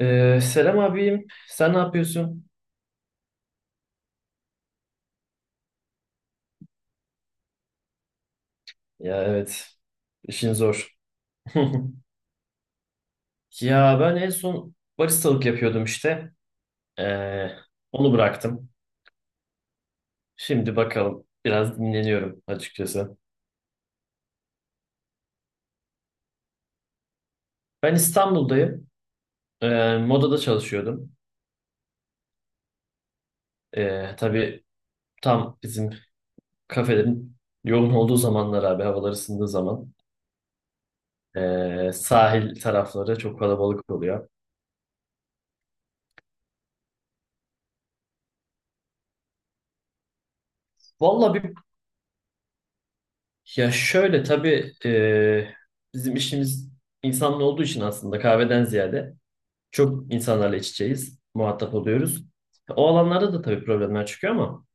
Selam abim. Sen ne yapıyorsun? Ya, evet. işin zor. Ya ben en son baristalık yapıyordum işte. Ee, Onu bıraktım. Şimdi bakalım. Biraz dinleniyorum açıkçası. Ben İstanbul'dayım. Modada çalışıyordum. Tabii tam bizim kafelerin yoğun olduğu zamanlar abi, havalar ısındığı zaman. Sahil tarafları çok kalabalık oluyor. Vallahi bir Ya şöyle tabii e, Bizim işimiz insanla olduğu için, aslında kahveden ziyade çok insanlarla iç içeyiz, muhatap oluyoruz. O alanlarda da tabii problemler çıkıyor, ama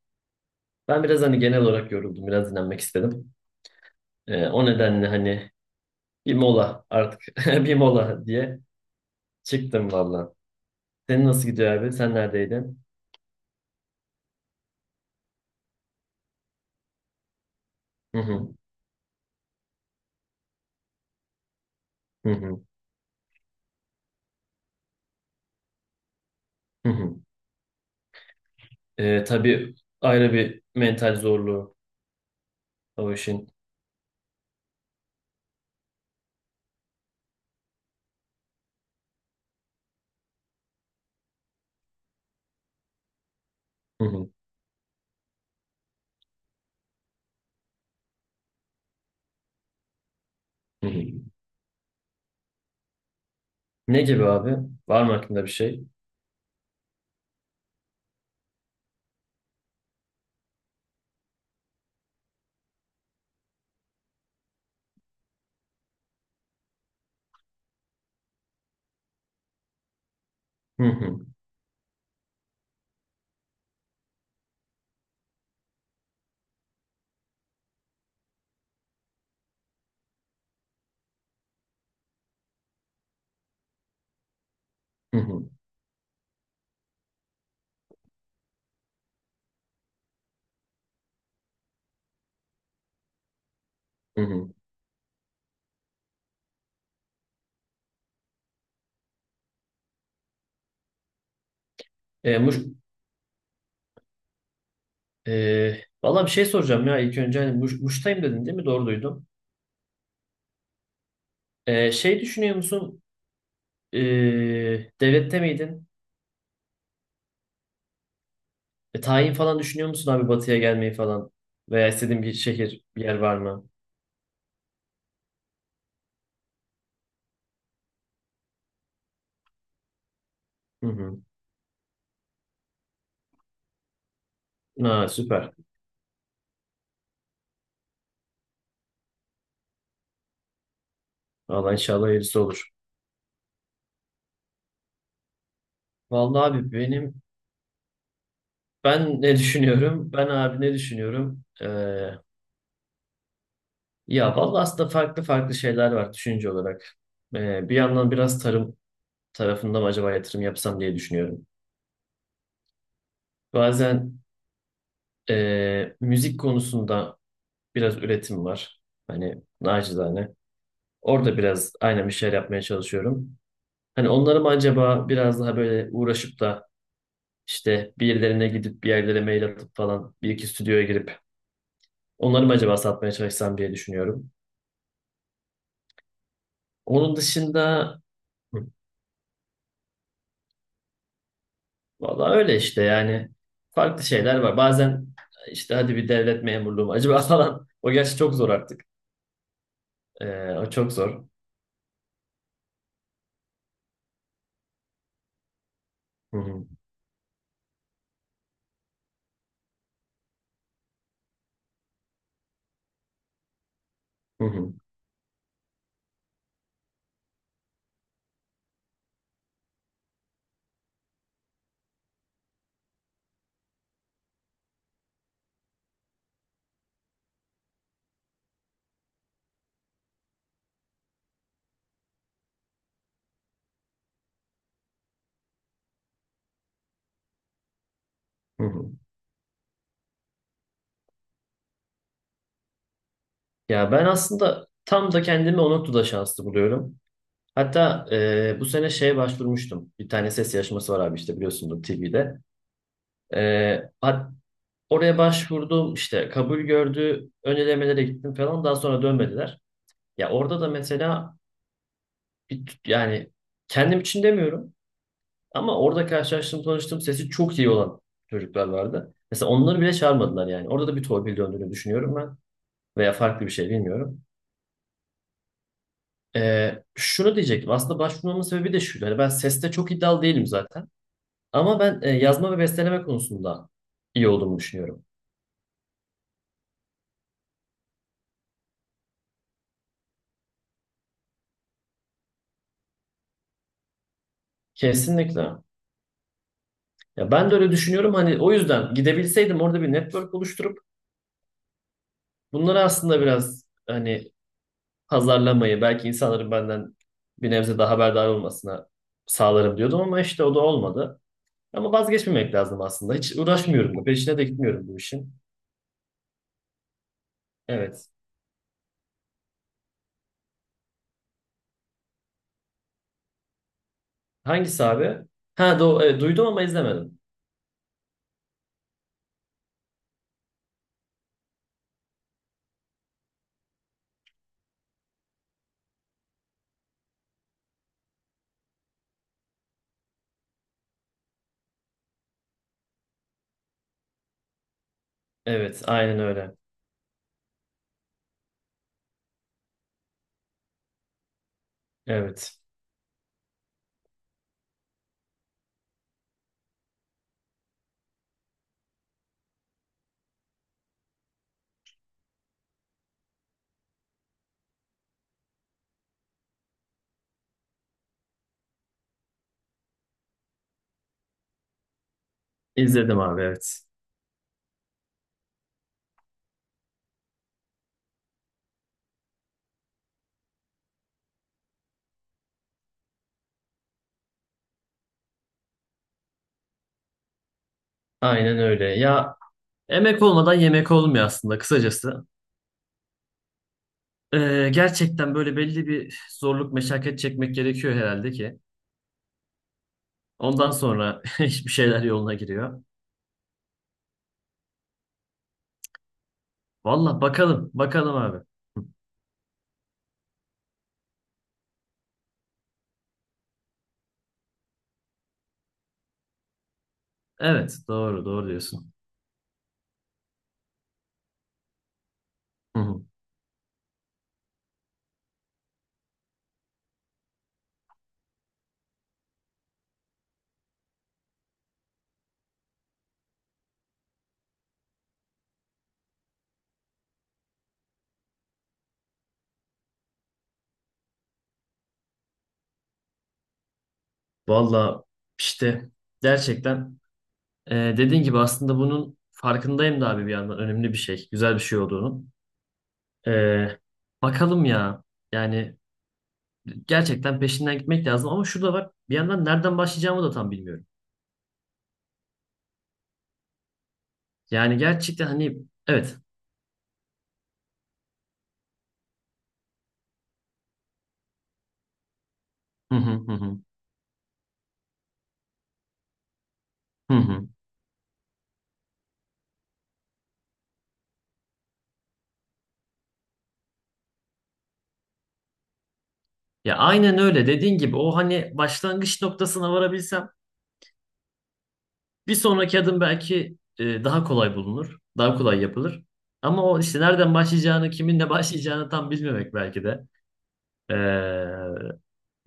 ben biraz hani genel olarak yoruldum, biraz dinlenmek istedim. O nedenle hani bir mola artık, bir mola diye çıktım valla. Senin nasıl gidiyor abi? Sen neredeydin? Hı hı, hı hı, hı hı. Tabii ayrı bir mental zorluğu o işin. Hı hı, hı hı. Ne gibi abi? Var mı aklında bir şey? Hı hı. Hı hı. Hı hı. E, Muş, valla bir şey soracağım ya, ilk önce hani Muş, Muş'tayım dedin değil mi? Doğru duydum. Şey düşünüyor musun? E, Devlette miydin? Tayin falan düşünüyor musun abi, Batı'ya gelmeyi falan? Veya istediğin bir şehir, bir yer var mı? Hı hı. Ha, süper. Valla inşallah hayırlısı olur. Vallahi abi ben ne düşünüyorum? Ben abi ne düşünüyorum? Ya vallahi aslında farklı farklı şeyler var düşünce olarak. Bir yandan biraz tarım tarafında mı acaba yatırım yapsam diye düşünüyorum. Bazen müzik konusunda biraz üretim var. Hani nacizane. Orada biraz aynen bir şeyler yapmaya çalışıyorum. Hani onları mı acaba biraz daha böyle uğraşıp da işte bir yerlerine gidip, bir yerlere mail atıp falan, bir iki stüdyoya girip onları mı acaba satmaya çalışsam diye düşünüyorum. Onun dışında hı, vallahi öyle işte, yani farklı şeyler var. Bazen işte hadi bir devlet memurluğu mu acaba falan. O gerçi çok zor artık. O çok zor. Hı hı, hı hı, hı hı. Ya ben aslında tam da kendimi o noktada şanslı buluyorum. Hatta bu sene şeye başvurmuştum. Bir tane ses yarışması var abi, işte biliyorsundur TV'de. E, hat- Oraya başvurdum, işte kabul gördü. Ön elemelere gittim falan, daha sonra dönmediler. Ya orada da mesela yani kendim için demiyorum, ama orada karşılaştığım, tanıştığım, sesi çok iyi olan çocuklar vardı. Mesela onları bile çağırmadılar yani. Orada da bir torpil döndüğünü düşünüyorum ben. Veya farklı bir şey, bilmiyorum. Şunu diyecektim. Aslında başvurmamın sebebi de şuydu. Hani ben seste çok iddialı değilim zaten. Ama ben yazma ve besteleme konusunda iyi olduğumu düşünüyorum. Kesinlikle. Ya ben de öyle düşünüyorum. Hani o yüzden gidebilseydim, orada bir network oluşturup bunları aslında biraz hani pazarlamayı, belki insanların benden bir nebze daha haberdar olmasına sağlarım diyordum, ama işte o da olmadı. Ama vazgeçmemek lazım aslında. Hiç uğraşmıyorum da. Peşine de gitmiyorum bu işin. Evet. Hangisi abi? Duydum ama izlemedim. Evet, aynen öyle. Evet. İzledim abi, evet. Aynen öyle. Ya emek olmadan yemek olmuyor aslında, kısacası. Gerçekten böyle belli bir zorluk, meşakkat çekmek gerekiyor herhalde ki. Ondan sonra hiçbir şeyler yoluna giriyor. Valla bakalım, bakalım abi. Evet, doğru, doğru diyorsun. Hı hı. Valla işte gerçekten dediğin gibi aslında bunun farkındayım da abi, bir yandan önemli bir şey, güzel bir şey olduğunu. Ee, Bakalım ya. Yani gerçekten peşinden gitmek lazım, ama şu var. Bir yandan nereden başlayacağımı da tam bilmiyorum. Yani gerçekten hani, evet. Hı hı, hı hı. Hı hı. Ya aynen öyle, dediğin gibi o hani başlangıç noktasına varabilsem bir sonraki adım belki daha kolay bulunur. Daha kolay yapılır. Ama o işte nereden başlayacağını, kiminle başlayacağını tam bilmemek belki de ee,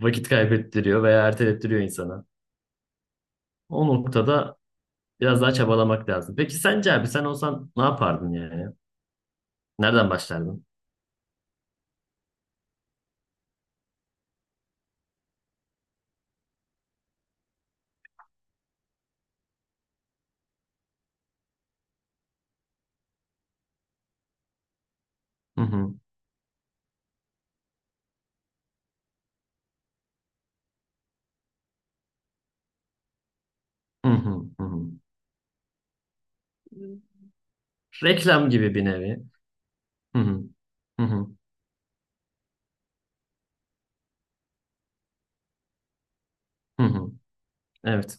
vakit kaybettiriyor veya ertelettiriyor insana. O noktada biraz daha çabalamak lazım. Peki sence abi, sen olsan ne yapardın yani? Nereden başlardın? Hı hı. Hı hı. Hı hı. Reklam gibi bir nevi. Hı hı. Hı hı. Hı hı. Evet.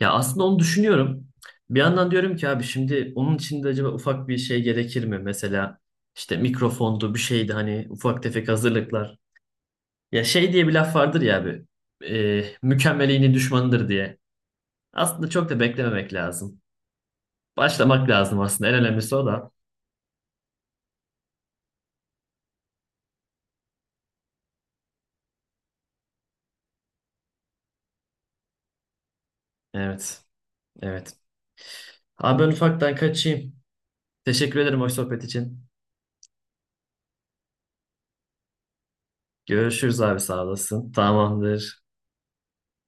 Ya aslında onu düşünüyorum. Bir yandan diyorum ki abi, şimdi onun için de acaba ufak bir şey gerekir mi? Mesela işte mikrofondu, bir şeydi, hani ufak tefek hazırlıklar. Ya şey diye bir laf vardır ya abi. Mükemmeliğinin düşmanıdır diye. Aslında çok da beklememek lazım. Başlamak lazım aslında. En önemlisi o da. Evet. Evet. Abi ben ufaktan kaçayım. Teşekkür ederim hoş sohbet için. Görüşürüz abi, sağ olasın. Tamamdır.